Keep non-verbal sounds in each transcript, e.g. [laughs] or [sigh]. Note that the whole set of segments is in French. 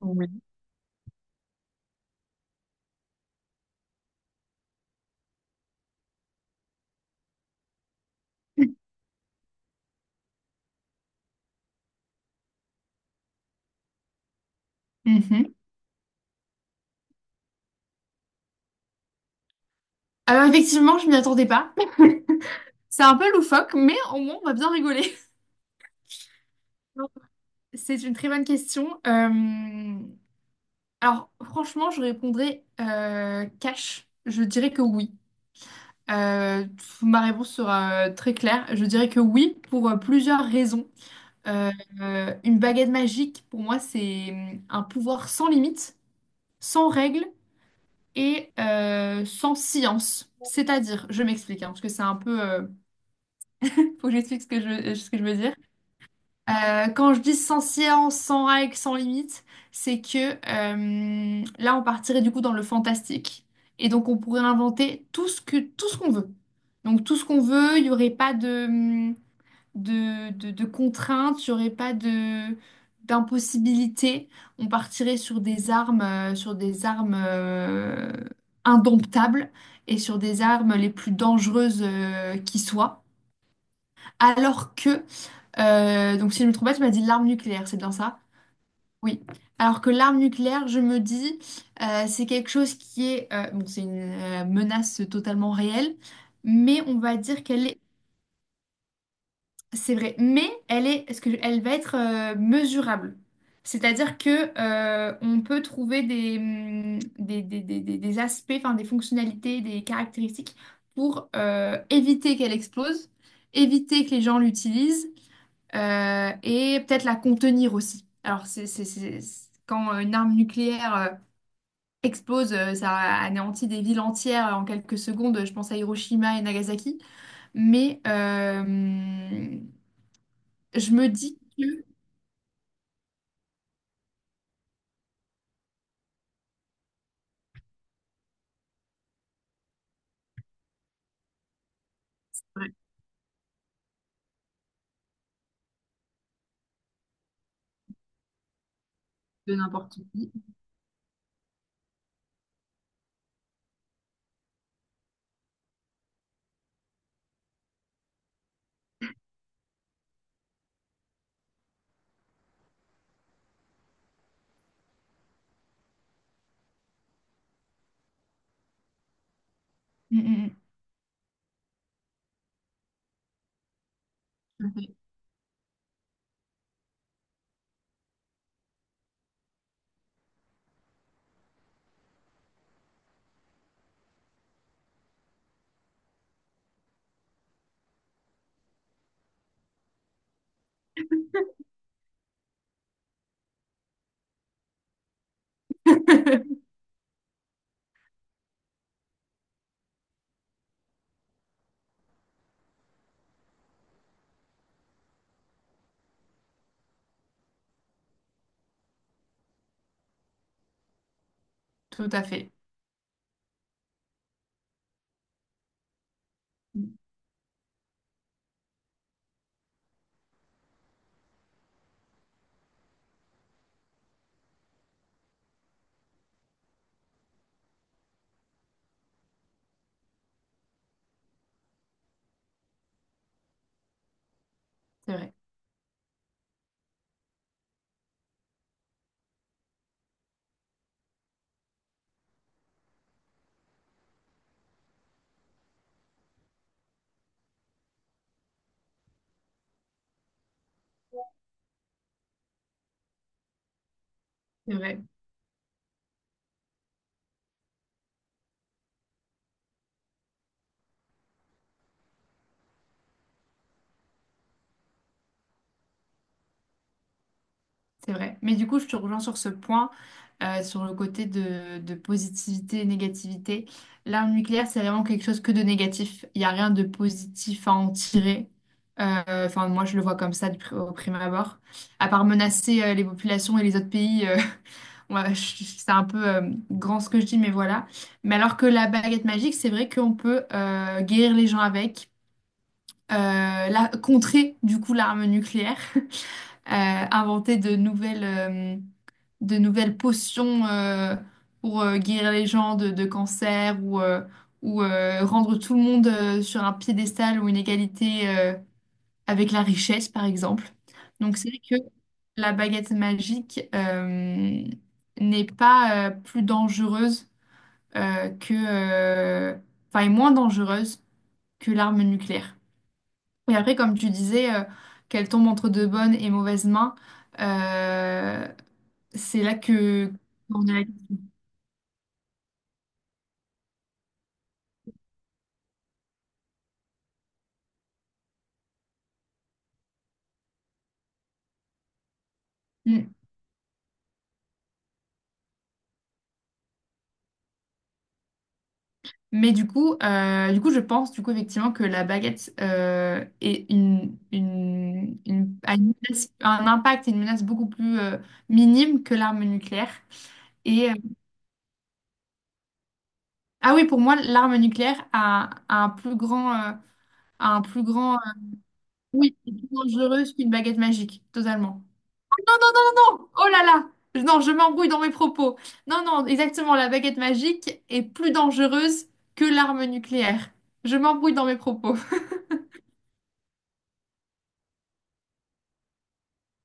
Oui. Mhm. Alors effectivement, je m'y attendais pas. C'est un peu loufoque, mais au moins on va bien rigoler. [laughs] Donc, c'est une très bonne question. Alors franchement, je répondrais cash. Je dirais que oui. Euh, Ma réponse sera très claire. Je dirais que oui pour plusieurs raisons. Euh, une baguette magique, pour moi, c'est un pouvoir sans limite, sans règles et sans science. C'est-à-dire, je m'explique, hein, parce que c'est un peu, faut que j'explique ce que je veux dire. Quand je dis sans science, sans règles, sans limite, c'est que là, on partirait du coup dans le fantastique. Et donc, on pourrait inventer tout ce qu'on veut. Donc, tout ce qu'on veut, il n'y aurait pas de contraintes, il n'y aurait pas d'impossibilité. On partirait sur des armes indomptables et sur des armes les plus dangereuses qui soient. Alors que donc si je me trompe pas, tu m'as dit l'arme nucléaire, c'est bien ça? Oui. Alors que l'arme nucléaire, je me dis, c'est quelque chose qui est, bon, c'est une menace totalement réelle, mais on va dire qu'elle est, c'est vrai, mais elle est, est-ce que elle va être mesurable? C'est-à-dire que on peut trouver des aspects, enfin des fonctionnalités, des caractéristiques pour éviter qu'elle explose, éviter que les gens l'utilisent et peut-être la contenir aussi. Alors, quand une arme nucléaire explose, ça anéantit des villes entières en quelques secondes. Je pense à Hiroshima et Nagasaki. Mais je me dis que. Ouais, de n'importe qui. Mm, mm, mm. Tout à fait. [laughs] Tout à fait. Mm. C'est vrai. C'est vrai. C'est vrai. Mais du coup, je te rejoins sur ce point, sur le côté de positivité et négativité. L'arme nucléaire, c'est vraiment quelque chose que de négatif. Il n'y a rien de positif à en tirer. Enfin, moi, je le vois comme ça au prime abord. À part menacer les populations et les autres pays, [laughs] ouais, c'est un peu grand ce que je dis, mais voilà. Mais alors que la baguette magique, c'est vrai qu'on peut guérir les gens avec, la, contrer du coup l'arme nucléaire, [laughs] euh, inventer de nouvelles potions pour guérir les gens de cancer ou rendre tout le monde sur un piédestal ou une égalité avec la richesse, par exemple. Donc c'est vrai que la baguette magique n'est pas plus dangereuse que, euh, enfin, est moins dangereuse que l'arme nucléaire. Et après, comme tu disais, qu'elle tombe entre de bonnes et mauvaises mains, euh, c'est là que. on a- Mais du coup, je pense effectivement que la baguette est a une un impact et une menace beaucoup plus minime que l'arme nucléaire. Et ah oui, pour moi, l'arme nucléaire a un plus grand, a un plus grand, euh, oui, est plus dangereuse qu'une baguette magique, totalement. Non, non, non, non, non! Oh là là! Non, je m'embrouille dans mes propos. Non, non, exactement, la baguette magique est plus dangereuse que l'arme nucléaire. Je m'embrouille dans mes propos.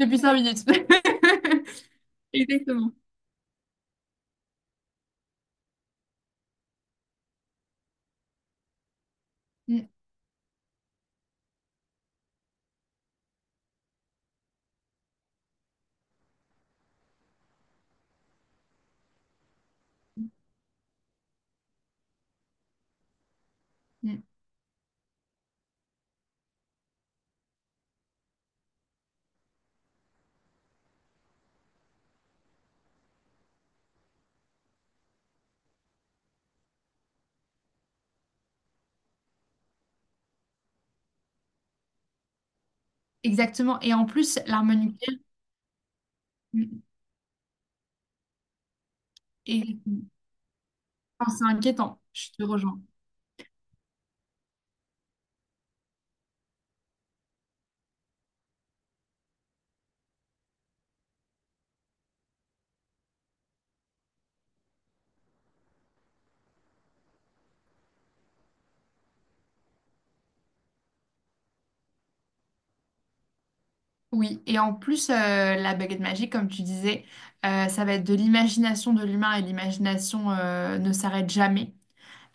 Depuis 5 minutes. [laughs] Exactement. Mm, mm. Exactement. Et en plus, l'arme nucléaire, mm, et- enfin, c'est inquiétant. Je te rejoins. Oui. Et en plus, la baguette magique, comme tu disais, ça va être de l'imagination de l'humain et l'imagination ne s'arrête jamais.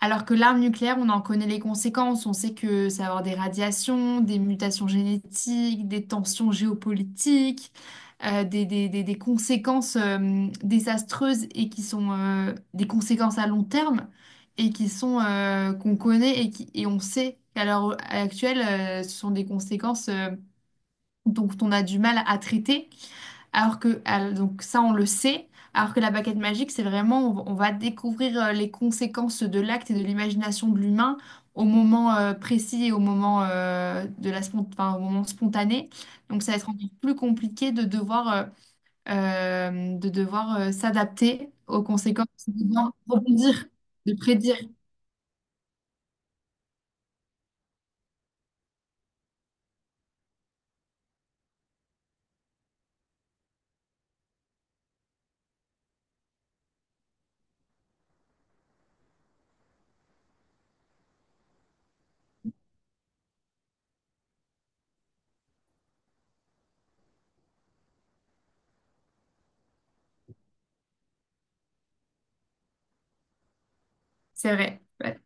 Alors que l'arme nucléaire, on en connaît les conséquences. On sait que ça va avoir des radiations, des mutations génétiques, des tensions géopolitiques, des conséquences désastreuses et qui sont des conséquences à long terme et qui sont qu'on connaît et on sait qu'à l'heure actuelle, ce sont des conséquences dont on a du mal à traiter. Donc ça, on le sait, alors que la baguette magique, c'est vraiment, on va découvrir les conséquences de l'acte et de l'imagination de l'humain au moment précis et au moment, enfin, au moment spontané. Donc ça va être encore plus compliqué de devoir s'adapter aux conséquences, de devoir rebondir, de prédire. C'est vrai, ouais,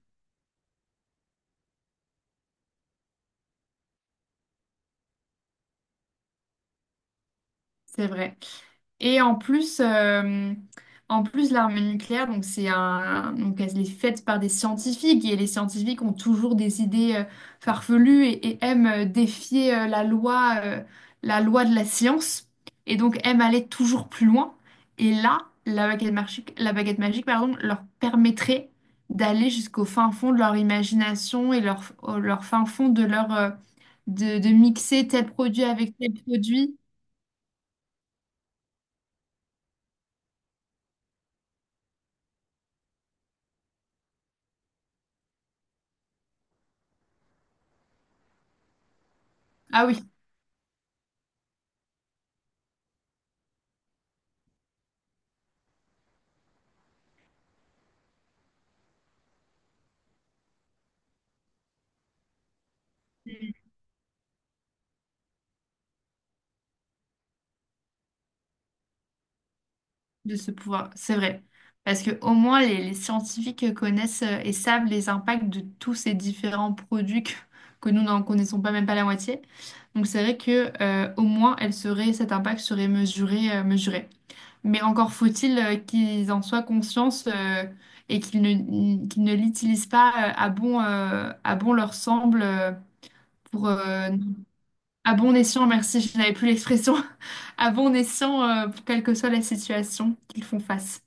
c'est vrai. Et en plus l'arme nucléaire, donc donc elle est faite par des scientifiques et les scientifiques ont toujours des idées farfelues et aiment défier la loi, de la science et donc aiment aller toujours plus loin. Et là, la baguette magique, pardon, leur permettrait d'aller jusqu'au fin fond de leur imagination et leur fin fond de leur de mixer tel produit avec tel produit. Ah oui. De ce pouvoir. C'est vrai. Parce que au moins, les scientifiques connaissent et savent les impacts de tous ces différents produits que nous n'en connaissons pas même pas la moitié. Donc c'est vrai que au moins, cet impact serait mesuré. Mais encore faut-il qu'ils en soient conscients et qu'ils ne l'utilisent pas à bon leur semble pour à bon escient, merci, je n'avais plus l'expression, [laughs] à bon escient pour quelle que soit la situation qu'ils font face.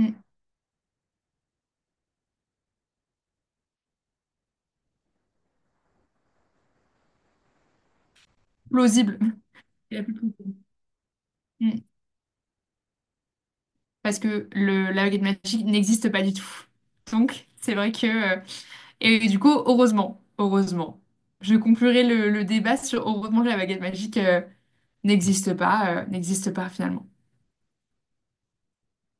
Mm. Plausible. La plus plausible. Mm. Parce que la baguette magique n'existe pas du tout. Donc, c'est vrai que, euh, et du coup, heureusement, heureusement, je conclurai le débat sur heureusement que la baguette magique n'existe pas finalement.